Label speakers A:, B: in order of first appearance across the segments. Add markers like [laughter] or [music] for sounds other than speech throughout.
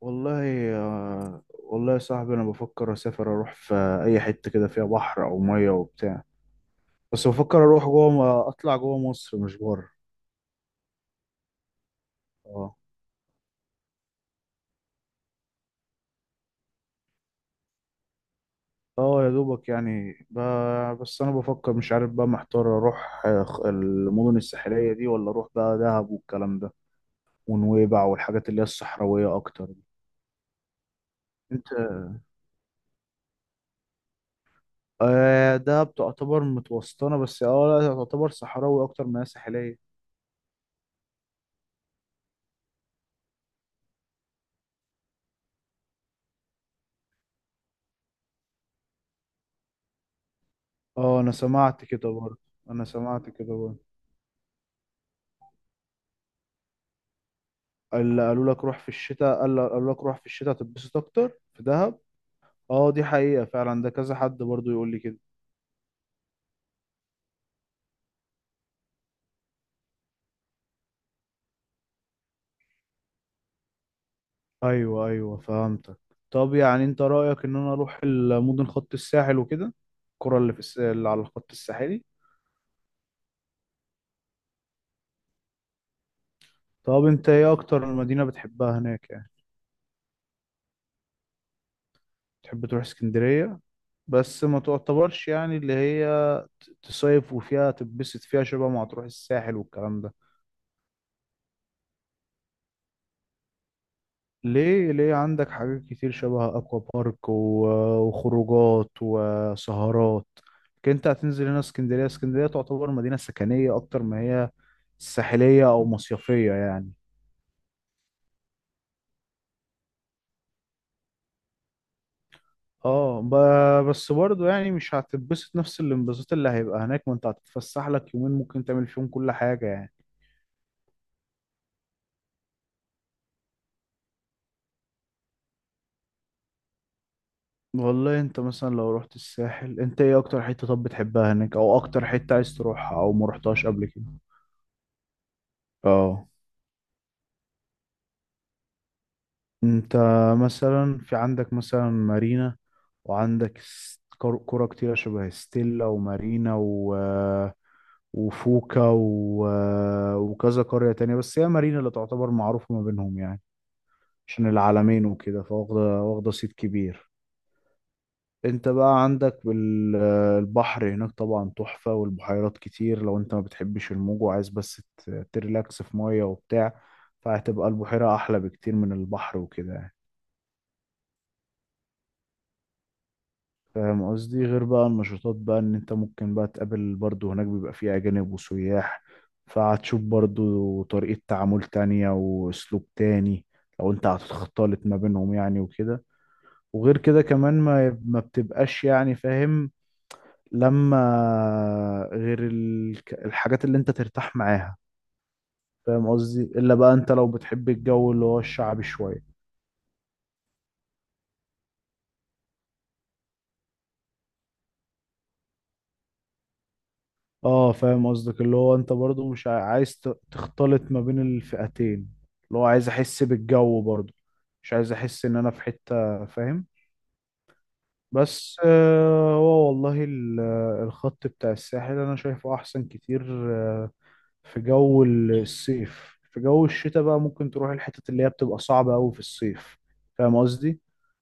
A: والله آه، والله يا صاحبي انا بفكر اسافر اروح في اي حته كده فيها بحر او ميه وبتاع. بس بفكر اروح جوه، اطلع جوه مصر مش بره. اه، اه يا دوبك يعني بس انا بفكر، مش عارف بقى، محتار اروح المدن الساحليه دي، ولا اروح بقى دهب والكلام ده ونويبع والحاجات اللي هي الصحراويه اكتر دي. انت، آه دهب تعتبر متوسطنه، بس اه لا تعتبر صحراوي اكتر ما هي ساحليه. اه انا سمعت كده برضه. انا سمعت كده برضه. اللي قالوا لك روح في الشتاء، قالوا لك روح في الشتاء تتبسط اكتر في دهب. اه دي حقيقة فعلا، ده كذا حد برضو يقول لي كده. ايوه ايوه، فهمتك. طب يعني انت رأيك ان انا اروح المدن، خط الساحل وكده؟ القرى اللي في اللي على الخط الساحلي. طب انت ايه اكتر مدينة بتحبها هناك يعني؟ تحب تروح اسكندرية؟ بس ما تعتبرش يعني اللي هي تصيف وفيها تتبسط فيها، شبه ما هتروح الساحل والكلام ده. ليه؟ ليه؟ عندك حاجات كتير شبه اكوا بارك وخروجات وسهرات. لكن انت هتنزل هنا اسكندريه، اسكندريه تعتبر مدينه سكنيه اكتر ما هي ساحليه او مصيفيه يعني. اه، بس برضه يعني مش هتتبسط نفس الانبساط اللي هيبقى هناك، ما انت هتتفسح لك يومين ممكن تعمل فيهم كل حاجه يعني. والله انت مثلا لو رحت الساحل، انت ايه اكتر حته طب بتحبها هناك، او اكتر حته عايز تروحها او ما رحتهاش قبل كده؟ اه. انت مثلا في عندك مثلا مارينا، وعندك كرة كتيرة شبه ستيلا ومارينا وفوكا وكذا قرية تانية، بس هي مارينا اللي تعتبر معروفة ما بينهم يعني، عشان العالمين وكده، واخدة صيت كبير. انت بقى عندك البحر هناك طبعا تحفة، والبحيرات كتير لو انت ما بتحبش الموج وعايز بس تريلاكس في مية وبتاع، فهتبقى البحيرة أحلى بكتير من البحر وكده يعني. فاهم قصدي؟ غير بقى النشاطات بقى، ان انت ممكن بقى تقابل برضو هناك بيبقى فيه اجانب وسياح، فهتشوف برضو طريقة تعامل تانية واسلوب تاني لو انت هتختلط ما بينهم يعني وكده. وغير كده كمان ما بتبقاش يعني، فاهم؟ لما، غير الحاجات اللي انت ترتاح معاها. فاهم قصدي؟ الا بقى انت لو بتحب الجو اللي هو الشعبي شوية. اه فاهم قصدك، اللي هو انت برضو مش عايز تختلط ما بين الفئتين، اللي هو عايز احس بالجو برضو، مش عايز احس ان انا في حتة، فاهم؟ بس آه، هو والله الخط بتاع الساحل انا شايفه احسن كتير، آه، في جو الصيف. في جو الشتاء بقى ممكن تروح الحتت اللي هي بتبقى صعبة قوي في الصيف، فاهم قصدي؟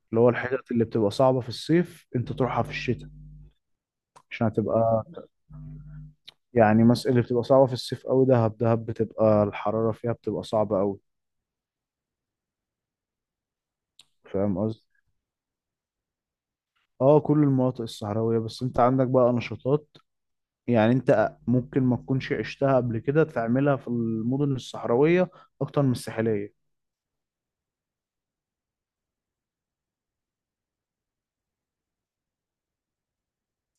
A: اللي هو الحتت اللي بتبقى صعبة في الصيف انت تروحها في الشتاء، عشان هتبقى يعني اللي بتبقى صعبة في الصيف قوي دهب، دهب بتبقى الحرارة فيها بتبقى صعبة قوي، فاهم قصدي؟ اه كل المناطق الصحراوية، بس انت عندك بقى نشاطات يعني انت ممكن ما تكونش عشتها قبل كده تعملها في المدن الصحراوية اكتر من الساحلية.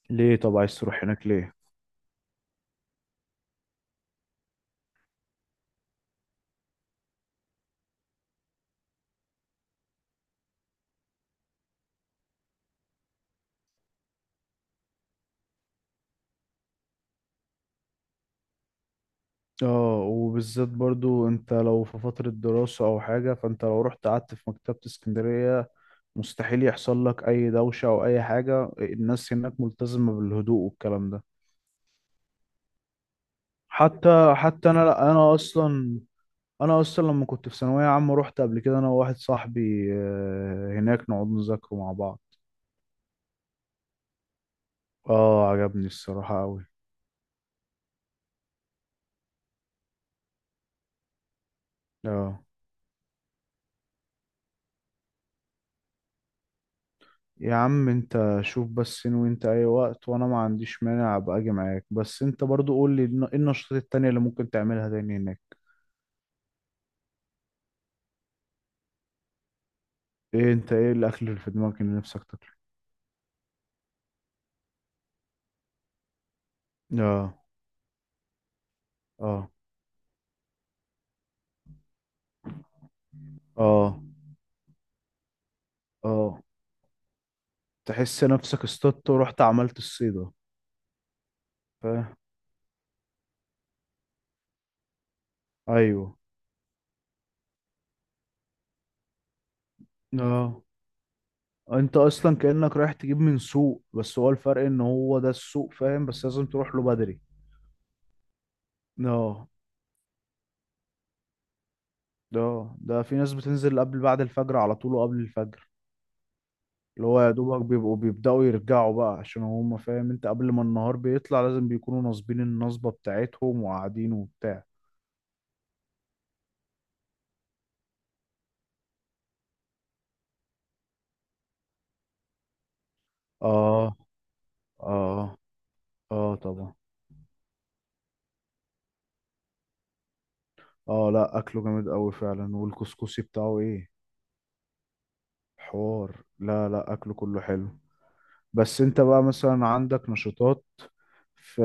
A: ليه؟ طب عايز تروح هناك ليه؟ اه وبالذات برضو انت لو في فترة دراسة او حاجة، فانت لو رحت قعدت في مكتبة اسكندرية، مستحيل يحصل لك اي دوشة او اي حاجة، الناس هناك ملتزمة بالهدوء والكلام ده. حتى انا اصلا، انا اصلا لما كنت في ثانويه عامه رحت قبل كده انا وواحد صاحبي آه، هناك نقعد نذاكره مع بعض. اه عجبني الصراحه قوي. اه، يا عم انت شوف بس، ان وانت اي وقت وانا ما عنديش مانع ابقى اجي معاك، بس انت برضو قول لي ايه النشاطات التانية اللي ممكن تعملها تاني هناك؟ ايه؟ انت ايه الاكل اللي في دماغك اللي نفسك تاكله؟ اه. اه. اه. اه، تحس نفسك اصطدت ورحت عملت الصيدة. فاهم. ايوه. اه، انت اصلا كأنك رايح تجيب من سوق، بس هو الفرق ان هو ده السوق، فاهم؟ بس لازم تروح له بدري. اه، ده ده في ناس بتنزل قبل، بعد الفجر على طول وقبل الفجر. اللي هو يا دوبك بيبقوا بيبدأوا يرجعوا بقى، عشان هم، فاهم انت، قبل ما النهار بيطلع لازم بيكونوا ناصبين النصبة بتاعتهم وقاعدين وبتاع. اه. اه. اه طبعا. اه لا اكله جامد قوي فعلا، والكسكسي بتاعه ايه، حوار، لا لا اكله كله حلو. بس انت بقى مثلا عندك نشاطات في،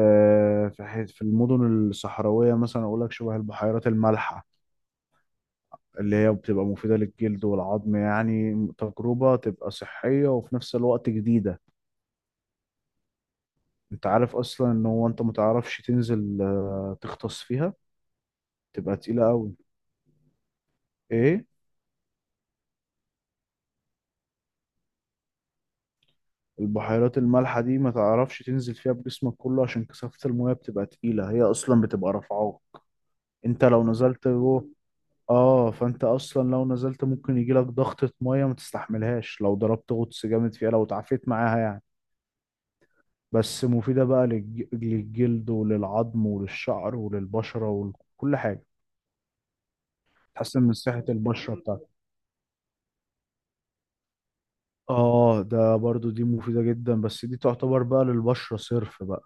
A: في المدن الصحراوية مثلا اقول لك شبه البحيرات المالحة، اللي هي بتبقى مفيدة للجلد والعظم، يعني تجربة تبقى صحية وفي نفس الوقت جديدة. انت عارف اصلا ان هو انت متعرفش تنزل آه، تغطس فيها، تبقى تقيلة قوي. ايه؟ البحيرات المالحة دي ما تعرفش تنزل فيها بجسمك كله عشان كثافة المياه بتبقى تقيلة، هي اصلا بتبقى رافعاك انت لو نزلت جوه. اه، فانت اصلا لو نزلت ممكن يجي لك ضغطة مية ما تستحملهاش لو ضربت غطس جامد فيها، لو اتعافيت معاها يعني. بس مفيدة بقى للجلد وللعظم وللشعر وللبشرة وكل حاجة، تحسن من صحة البشرة بتاعتك. اه، ده برضو دي مفيدة جدا، بس دي تعتبر بقى للبشرة صرف بقى،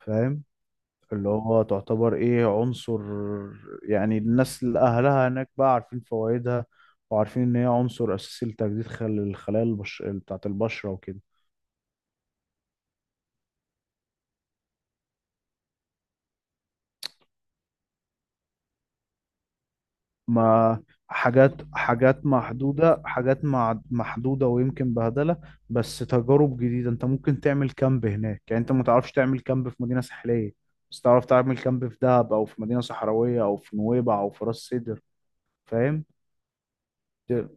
A: فاهم؟ اللي هو تعتبر ايه، عنصر يعني، الناس اللي اهلها هناك بقى عارفين فوائدها، وعارفين ان هي عنصر اساسي لتجديد الخلايا بتاعت البشرة وكده. ما حاجات، حاجات محدودة، حاجات محدودة ويمكن بهدلة، بس تجارب جديدة. انت ممكن تعمل كامب هناك، يعني انت ما تعرفش تعمل كامب في مدينة ساحلية، بس تعرف تعمل كامب في دهب او في مدينة صحراوية او في نويبع او في راس سدر، فاهم؟ ت-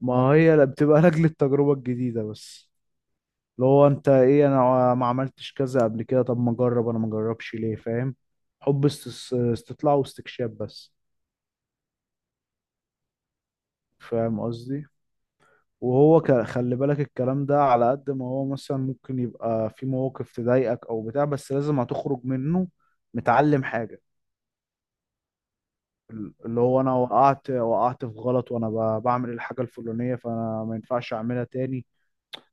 A: ما هي لا بتبقى [laughs] لاجل التجربة الجديدة بس، اللي هو انت ايه، انا ما عملتش كذا قبل كده، طب ما اجرب، انا ما اجربش ليه، فاهم؟ حب استطلاع واستكشاف بس. فاهم قصدي؟ وهو خلي بالك الكلام ده على قد ما هو مثلا ممكن يبقى في مواقف تضايقك او بتاع، بس لازم هتخرج منه متعلم حاجة. اللي هو انا وقعت في غلط وانا بعمل الحاجة الفلانية، فانا ما ينفعش اعملها تاني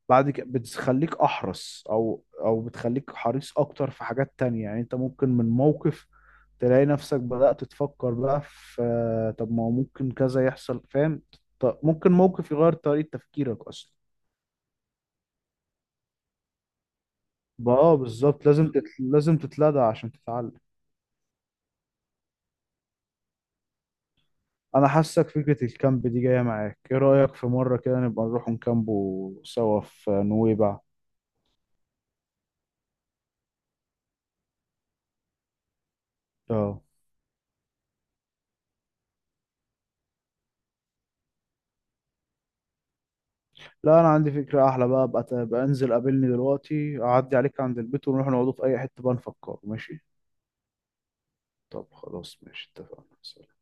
A: بعد كده، بتخليك احرص او بتخليك حريص اكتر في حاجات تانية، يعني انت ممكن من موقف تلاقي نفسك بدأت تفكر بقى في، طب ما هو ممكن كذا يحصل، فاهم؟ ممكن موقف يغير طريقة تفكيرك اصلا. اه بالظبط، لازم لازم تتلدع عشان تتعلم. انا حاسك فكرة الكامب دي جاية معاك، ايه رأيك في مرة كده نبقى نروح نكامبو سوا في نويبع؟ اه لا انا عندي فكرة احلى بقى، بقى، انزل قابلني دلوقتي، اعدي عليك عند البيت ونروح نقعدوا في اي حتة بقى نفكر، ماشي؟ طب خلاص ماشي، اتفقنا.